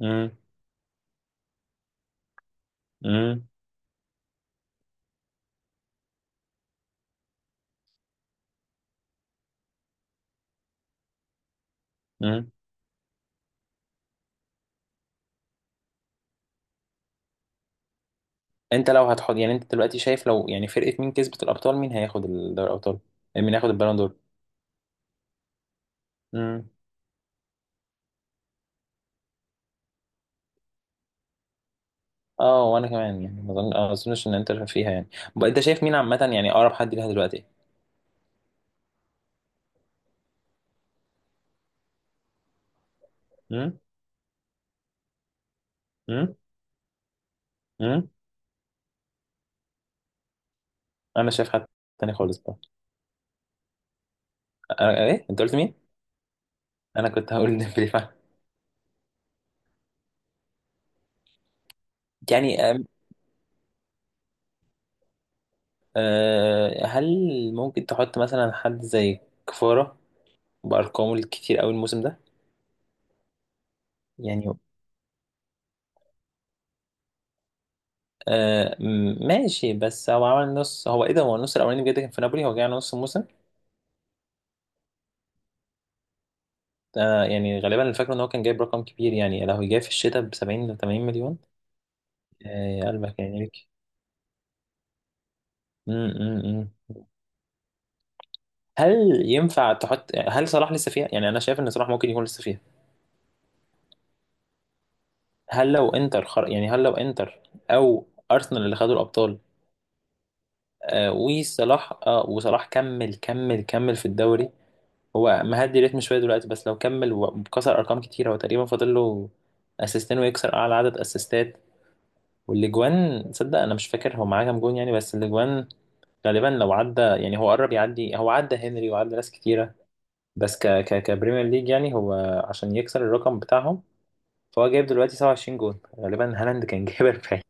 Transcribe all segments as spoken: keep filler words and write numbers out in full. امم امم امم انت لو هتحط يعني انت دلوقتي شايف لو يعني فرقة مين كسبت الابطال، مين هياخد دوري الابطال؟ مين هياخد البالون دور؟ امم اه وانا كمان يعني ما اظن، آه، ما اظنش ان انت فيها يعني. بقى انت شايف مين عامة؟ يعني اقرب حد ليها دلوقتي؟ امم امم امم انا شايف حد تاني خالص بقى أنا... ايه انت قلت مين؟ انا كنت هقول ديمبلي فعلا. يعني أم... أه... هل ممكن تحط مثلا حد زي كفارة بارقامه الكتير قوي الموسم ده؟ يعني آه م- ماشي، بس هو عمل نص، هو ايه ده، هو النص الاولاني بجد كان في نابولي، هو جاي على نص الموسم. آه يعني غالبا اللي فاكره ان هو كان جايب رقم كبير، يعني لو جاي في الشتاء ب سبعين ل ثمانين مليون. آه يا قلبك يعني ليك. م- م- م. هل ينفع تحط يعني، هل صلاح لسه فيها؟ يعني انا شايف ان صلاح ممكن يكون لسه فيها. هل لو انتر خر... يعني هل لو انتر او ارسنال اللي خدوا الابطال؟ آه وصلاح، آه وصلاح كمل كمل كمل في الدوري. هو مهدي ريتم شويه دلوقتي، بس لو كمل وكسر ارقام كتيره هو تقريبا فاضل له اسيستين ويكسر اعلى عدد اسيستات. والاجوان صدق انا مش فاكر هو معاه كام جون يعني، بس الاجوان غالبا لو عدى، يعني هو قرب يعدي، هو عدى هنري وعدى ناس كتيره، بس ك ك كبريمير ليج يعني هو، عشان يكسر الرقم بتاعهم. فهو جايب دلوقتي سبعة وعشرين جون، غالبا هالاند كان جايب أربعين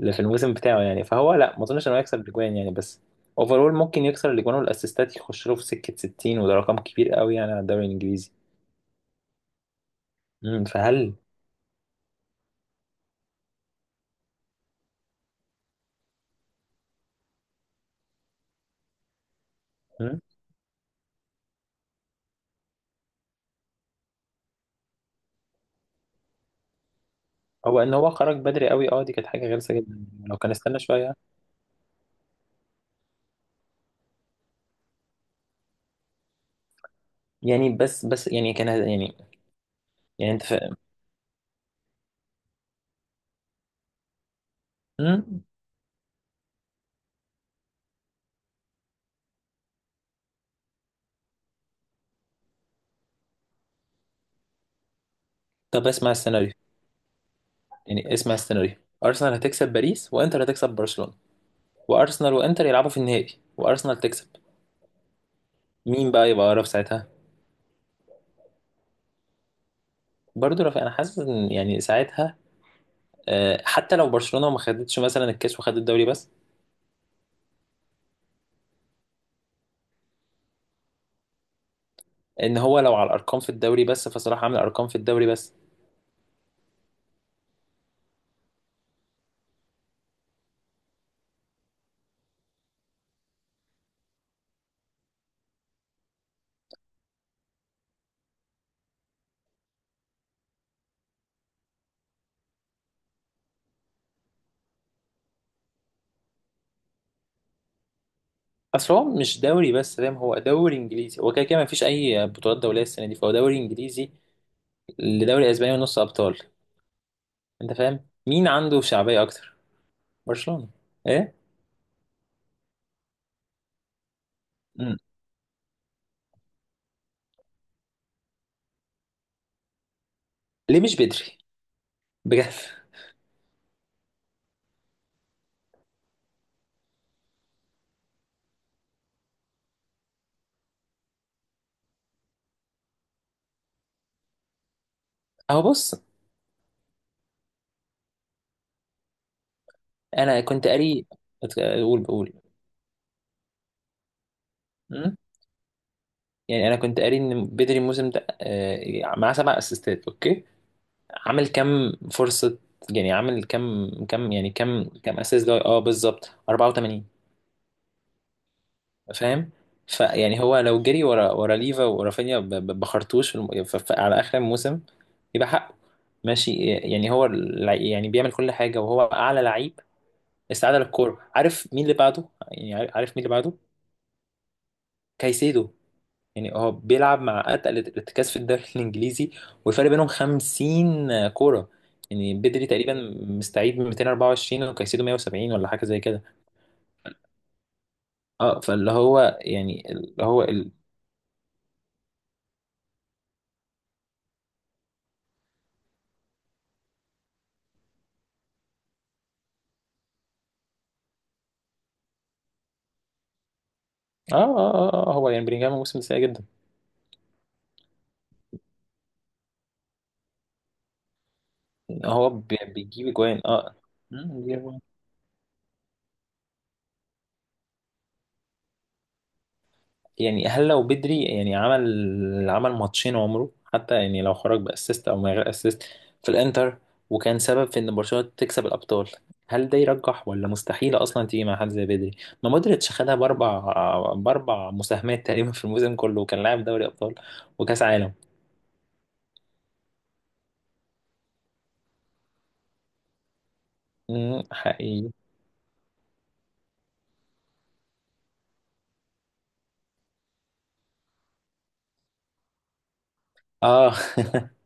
اللي في الموسم بتاعه يعني. فهو لا، ما اظنش ان هو يكسر الاجوان يعني، بس اوفرول ممكن يكسر الاجوان والاسيستات يخش له في سكه ستين، وده رقم كبير قوي يعني على الدوري الانجليزي. مم، فهل مم، هو ان هو خرج بدري قوي اه، دي كانت حاجه غلسه جدا، لو كان استنى شويه يعني. بس بس يعني كان هز- يعني، يعني انت فاهم. مم، طب اسمع السيناريو، يعني اسمع السيناريو ارسنال هتكسب باريس، وانتر هتكسب برشلونه، وارسنال وانتر يلعبوا في النهائي، وارسنال تكسب. مين بقى يبقى اقرب ساعتها؟ برضه رافع، انا حاسس ان يعني ساعتها، آه، حتى لو برشلونه ما خدتش مثلا الكاس وخد الدوري بس. ان هو لو على الارقام في الدوري بس، فصلاح عامل ارقام في الدوري بس. اصل هو مش دوري بس فاهم، هو دوري انجليزي، هو كده كده مفيش اي بطولات دوليه السنه دي، فهو دوري انجليزي لدوري اسباني ونص ابطال. انت فاهم مين عنده شعبيه اكتر؟ برشلونه. ايه. مم. ليه مش بدري؟ بجد. اهو بص، انا كنت قاري، بقول بقول م? يعني انا كنت قاري ان بدري الموسم ده آه، معاه سبع اسيستات، اوكي. عامل كام فرصه؟ يعني عامل كام كام يعني كام كام اسيست ده؟ اه بالظبط أربعة وثمانين. فاهم. فيعني هو لو جري ورا ورا ليفا ورافينيا ب- ب- بخرطوش في الم... ف... ف... على اخر الموسم، يبقى حقه. ماشي يعني هو الع- يعني بيعمل كل حاجه وهو اعلى لعيب استعاده للكوره. عارف مين اللي بعده يعني؟ عارف عارف مين اللي بعده؟ كايسيدو. يعني هو بيلعب مع اتقل الارتكاز في الدوري الانجليزي، والفرق بينهم خمسين كوره، يعني بدري تقريبا مستعيد من مئتين وأربعة وعشرين وكايسيدو مية وسبعين ولا حاجه زي كده. اه فاللي هو يعني اللي هو ال... اه اه اه آه، هو يعني بلينجهام الموسم ده سيء جدا. هو بي- بيجيب جوان اه، مم، بيجيب أجوان. يعني هل لو بدري يعني عمل عمل ماتشين عمره، حتى يعني لو خرج باسيست او من غير اسيست في الانتر، وكان سبب في ان برشلونة تكسب الابطال، هل ده يرجح ولا مستحيل اصلا تيجي مع حد زي بدري؟ ما مودريتش خدها باربع باربع مساهمات تقريبا في الموسم كله، وكان لاعب دوري ابطال وكاس عالم. مم، حقيقي. اه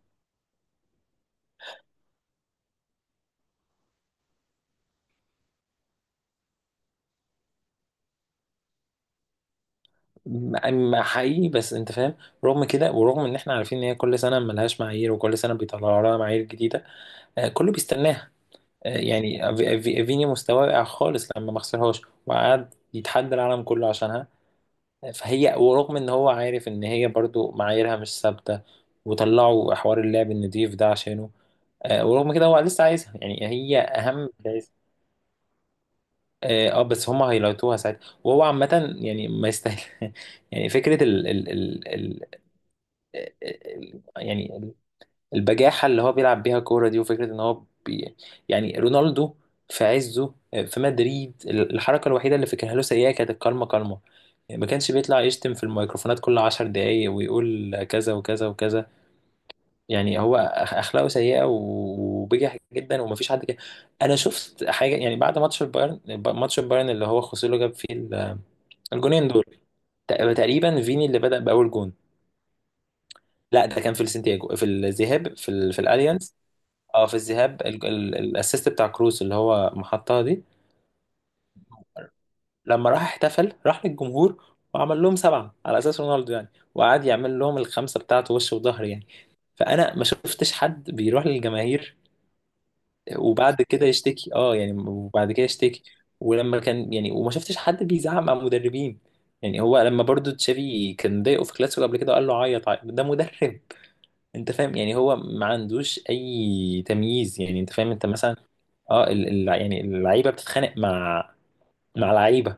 ما ما حقيقي، بس انت فاهم، رغم كده ورغم ان احنا عارفين ان هي كل سنه ملهاش معايير وكل سنه بيطلعوا لها معايير جديده، آه، كله بيستناها. آه، يعني في- في- فيني مستواه وقع خالص لما ما خسرهاش، وقعد يتحدى العالم كله عشانها. آه، فهي ورغم ان هو عارف ان هي برضو معاييرها مش ثابته وطلعوا حوار اللعب النضيف ده عشانه، آه، ورغم كده هو لسه عايزها، يعني هي اهم جايزه. اه آه، بس هم هيلايتوها ساعتها، وهو عامه يعني ما يستاهل يعني فكرة ال ال ال آه، آه، آه، يعني البجاحة اللي هو بيلعب بيها كورة دي، وفكرة ان هو بي، يعني رونالدو في عزه آه، في مدريد، الحركة الوحيدة اللي فاكرها له سيئة كانت الكلمة، كلمة ما كانش بيطلع يشتم في الميكروفونات كل عشر دقايق ويقول كذا وكذا وكذا. يعني هو أخ- أخلاقه سيئة وبجح جدا ومفيش حد كده. أنا شفت حاجة يعني بعد ماتش البايرن، ماتش البايرن اللي هو خوسيلو جاب فيه ال- الجونين دول، تقريبا فيني اللي بدأ بأول جون. لا ده كان في السنتياجو، في الذهاب، في ال... في الاليانز. اه في الذهاب، ال... ال... الاسيست بتاع كروس اللي هو محطها دي، لما راح احتفل راح للجمهور، وعمل لهم سبعة على اساس رونالدو يعني، وقعد يعمل لهم الخمسة بتاعته وش وظهر يعني. فانا ما شفتش حد بيروح للجماهير وبعد كده يشتكي اه يعني وبعد كده يشتكي. ولما كان يعني، وما شفتش حد بيزعق مع مدربين، يعني هو لما برضو تشافي كان ضايقه في كلاسيكو قبل كده قال له عيط عيط. ده مدرب. انت فاهم، يعني هو ما عندوش اي تمييز. يعني انت فاهم، انت مثلا، اه ال ال يعني اللعيبه بتتخانق مع مع لعيبه،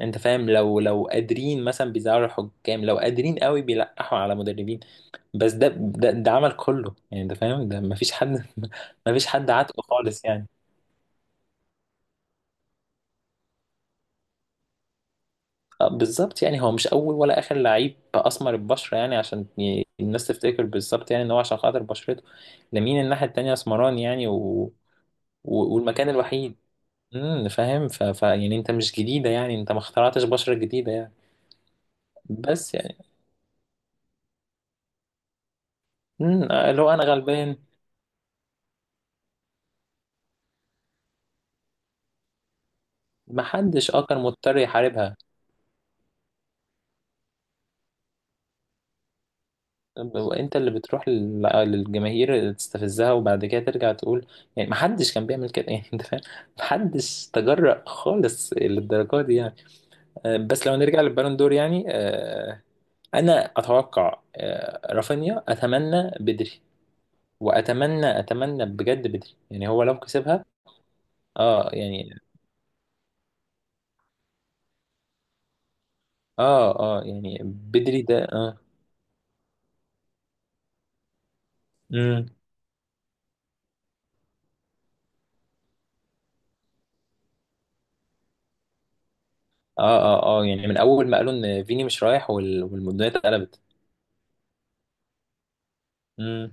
انت فاهم، لو لو قادرين مثلا بيزعلوا الحكام، لو قادرين قوي بيلقحوا على مدربين. بس ده ده, ده عمل كله يعني، انت فاهم، ده ما فيش حد ما فيش حد عاتقه خالص يعني. اه بالظبط، يعني هو مش اول ولا اخر لعيب اسمر البشره يعني، عشان ي- الناس تفتكر بالظبط يعني ان هو عشان خاطر بشرته. لامين الناحيه التانيه اسمراني يعني و... و- والمكان الوحيد، امم فاهم، ف... ف... يعني انت مش جديدة يعني، انت ما اخترعتش بشرة جديدة يعني. بس يعني امم لو انا غلبان، ما حدش اه كان مضطر يحاربها، وانت اللي بتروح لل... للجماهير تستفزها وبعد كده ترجع تقول. يعني ما حدش كان بيعمل كده يعني انت فاهم، ما حدش تجرأ خالص للدرجة دي يعني. آه، بس لو نرجع للبالون دور يعني، آه، انا اتوقع آه، رافينيا، اتمنى بدري، واتمنى اتمنى بجد بدري، يعني هو لو كسبها. اه يعني. اه اه يعني بدري ده اه. امم. اه اه اه يعني من اول ما قالوا ان فيني مش رايح وال- والمدونية اتقلبت. امم.